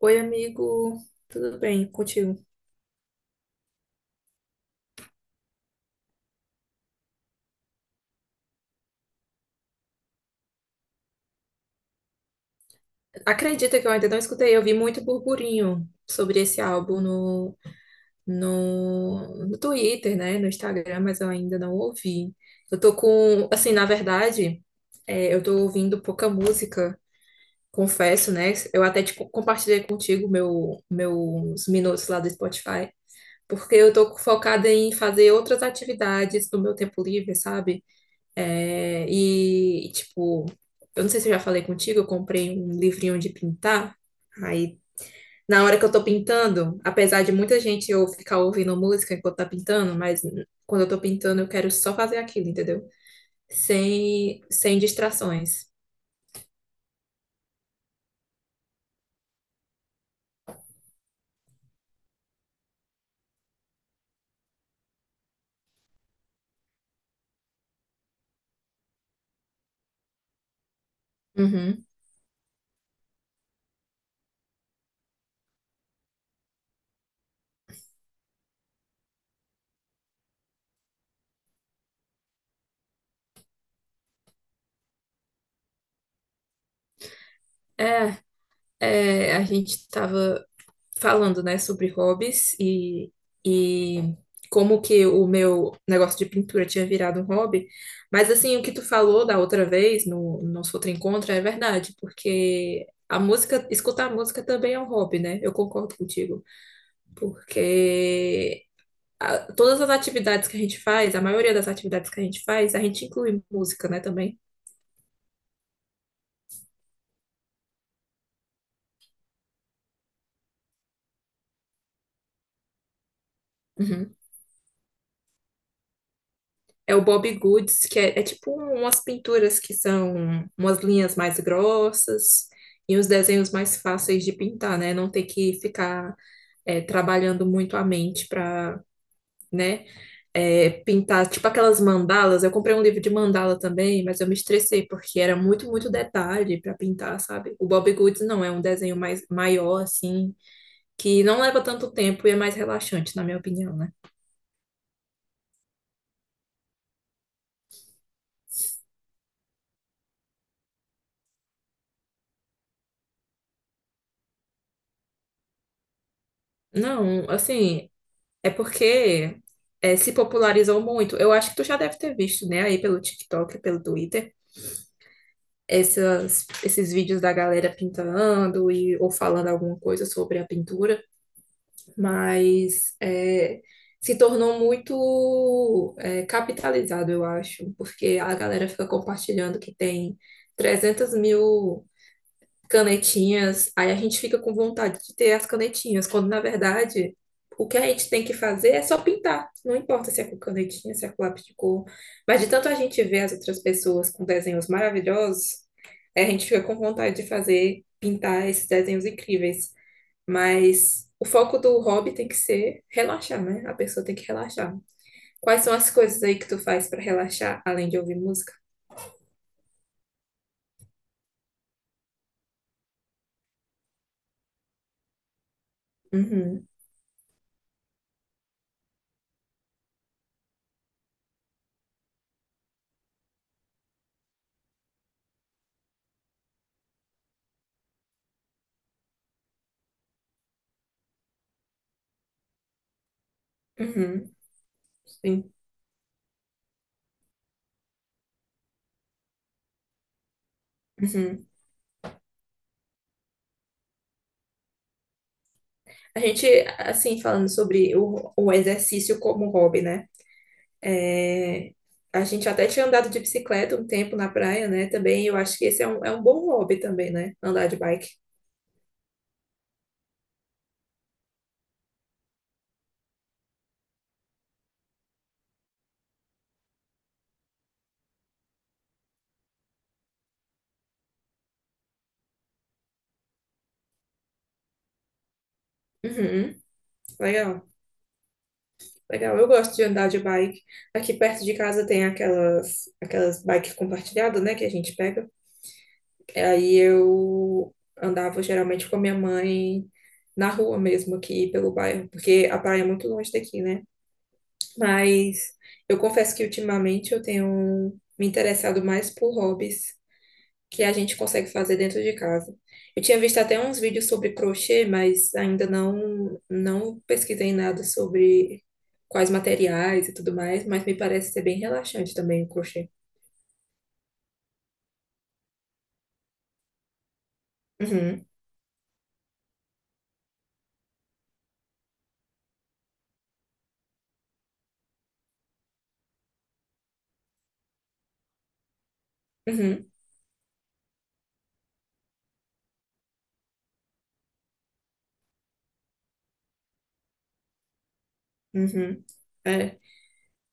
Oi, amigo, tudo bem contigo? Acredita que eu ainda não escutei, eu vi muito burburinho sobre esse álbum no Twitter, né, no Instagram, mas eu ainda não ouvi. Eu tô com, assim, na verdade, eu tô ouvindo pouca música, confesso, né? Eu até te compartilhei contigo meus minutos lá do Spotify, porque eu tô focada em fazer outras atividades no meu tempo livre, sabe? E, tipo, eu não sei se eu já falei contigo, eu comprei um livrinho de pintar. Aí, na hora que eu tô pintando, apesar de muita gente eu ficar ouvindo música enquanto tá pintando, mas quando eu tô pintando, eu quero só fazer aquilo, entendeu? Sem distrações. Uhum. É, a gente tava falando, né, sobre hobbies e como que o meu negócio de pintura tinha virado um hobby. Mas, assim, o que tu falou da outra vez, no nosso outro encontro, é verdade, porque a música, escutar música também é um hobby, né? Eu concordo contigo, porque todas as atividades que a gente faz, a maioria das atividades que a gente faz, a gente inclui música, né, também. Uhum. É o Bob Goods, que é tipo umas pinturas que são umas linhas mais grossas e uns desenhos mais fáceis de pintar, né? Não ter que ficar trabalhando muito a mente para, né, pintar. Tipo aquelas mandalas. Eu comprei um livro de mandala também, mas eu me estressei porque era muito, muito detalhe para pintar, sabe? O Bob Goods não, é um desenho mais maior, assim, que não leva tanto tempo e é mais relaxante, na minha opinião, né? Não, assim, é porque se popularizou muito. Eu acho que tu já deve ter visto, né, aí pelo TikTok, pelo Twitter, esses vídeos da galera pintando e, ou falando alguma coisa sobre a pintura, mas se tornou muito capitalizado, eu acho, porque a galera fica compartilhando que tem 300 mil canetinhas, aí a gente fica com vontade de ter as canetinhas, quando na verdade o que a gente tem que fazer é só pintar. Não importa se é com canetinha, se é com lápis de cor. Mas de tanto a gente ver as outras pessoas com desenhos maravilhosos, a gente fica com vontade de fazer, pintar esses desenhos incríveis. Mas o foco do hobby tem que ser relaxar, né? A pessoa tem que relaxar. Quais são as coisas aí que tu faz para relaxar, além de ouvir música? Uhum, uhum, sim. Uhum. A gente, assim, falando sobre o exercício como hobby, né? É, a gente até tinha andado de bicicleta um tempo na praia, né? Também eu acho que esse é é um bom hobby também, né? Andar de bike. Uhum. Legal, legal. Eu gosto de andar de bike. Aqui perto de casa tem aquelas, bikes compartilhadas, né, que a gente pega. Aí eu andava geralmente com a minha mãe na rua mesmo, aqui pelo bairro, porque a praia é muito longe daqui, né? Mas eu confesso que ultimamente eu tenho me interessado mais por hobbies que a gente consegue fazer dentro de casa. Eu tinha visto até uns vídeos sobre crochê, mas ainda não pesquisei nada sobre quais materiais e tudo mais, mas me parece ser bem relaxante também o crochê. Uhum, uhum, uhum, é,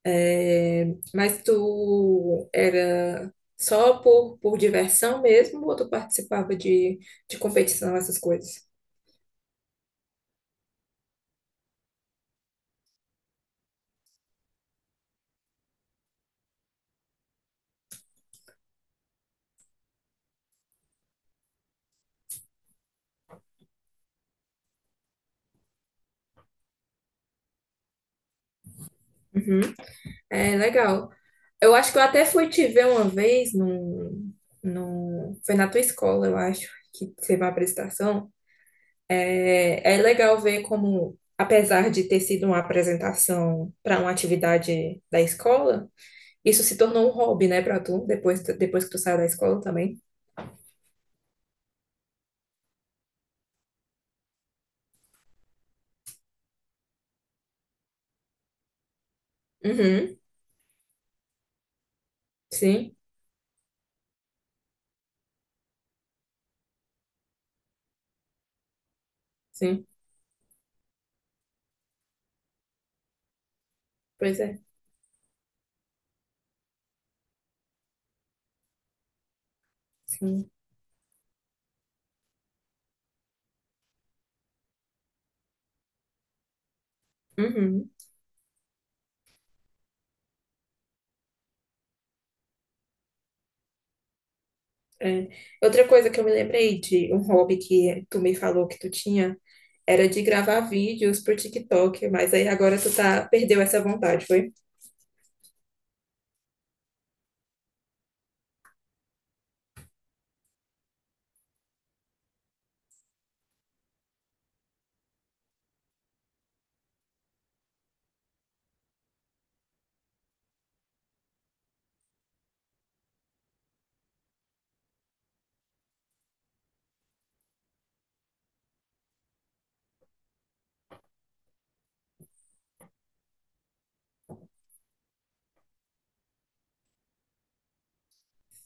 é, mas tu era só por diversão mesmo ou tu participava de competição, essas coisas? Uhum, é legal. Eu acho que eu até fui te ver uma vez foi na tua escola, eu acho, que teve uma apresentação. É, é legal ver como, apesar de ter sido uma apresentação para uma atividade da escola, isso se tornou um hobby, né, para tu, depois que tu saiu da escola também. Uhum, sim, sim, pois é, sim. Uhum. É. Outra coisa que eu me lembrei de um hobby que tu me falou que tu tinha era de gravar vídeos pro TikTok, mas aí agora tu tá, perdeu essa vontade, foi?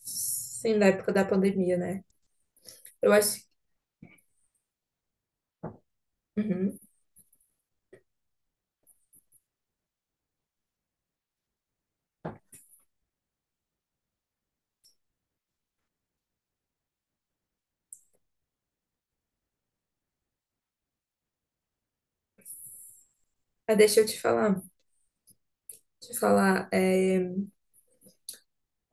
Sim, na época da pandemia, né? Eu acho. Uhum. Ah, deixa eu te falar, te falar é,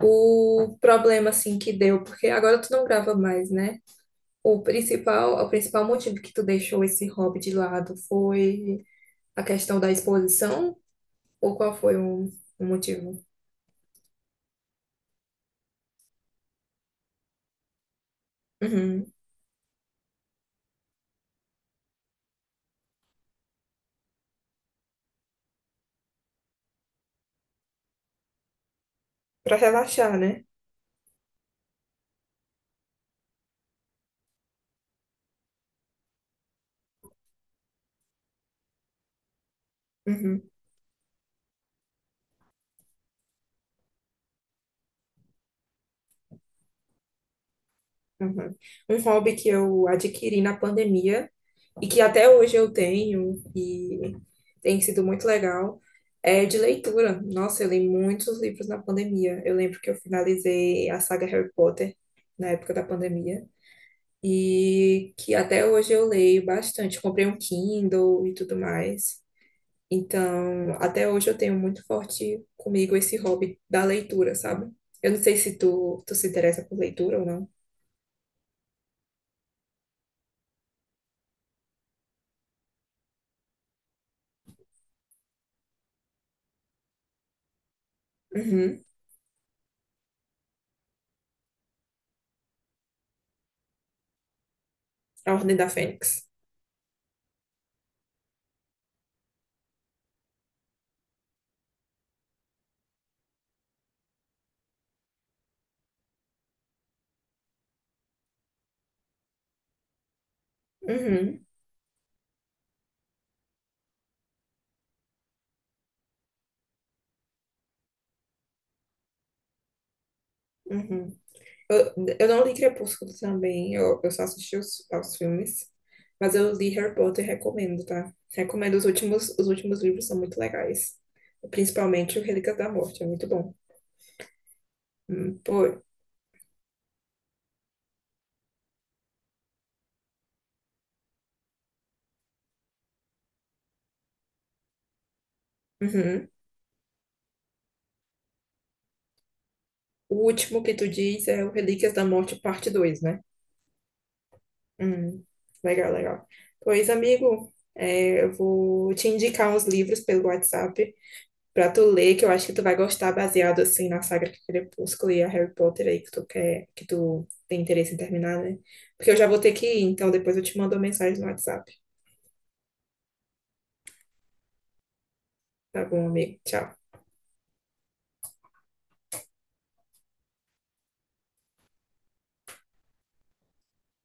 o problema assim que deu, porque agora tu não grava mais, né? O principal motivo que tu deixou esse hobby de lado foi a questão da exposição? Ou qual foi o motivo? Uhum. Pra relaxar, né? Uhum, uhum. Um hobby que eu adquiri na pandemia e que até hoje eu tenho e tem sido muito legal é de leitura. Nossa, eu li muitos livros na pandemia. Eu lembro que eu finalizei a saga Harry Potter na época da pandemia e que até hoje eu leio bastante. Comprei um Kindle e tudo mais. Então, até hoje eu tenho muito forte comigo esse hobby da leitura, sabe? Eu não sei se tu se interessa por leitura ou não. A Ordem da Fênix. Uhum, uhum. Eu, eu não li Crepúsculo também, eu só assisti aos filmes. Mas eu li Harry Potter e recomendo, tá? Recomendo os últimos livros são muito legais. Principalmente o Relíquias da Morte, é muito bom. Pô, uhum. O último que tu diz é o Relíquias da Morte, parte 2, né? Hum, legal, legal. Pois, amigo, eu vou te indicar uns livros pelo WhatsApp, pra tu ler, que eu acho que tu vai gostar, baseado assim na saga que Crepúsculo e a Harry Potter aí que tu quer, que tu tem interesse em terminar, né? Porque eu já vou ter que ir, então depois eu te mando uma mensagem no WhatsApp. Tá bom, amigo? Tchau.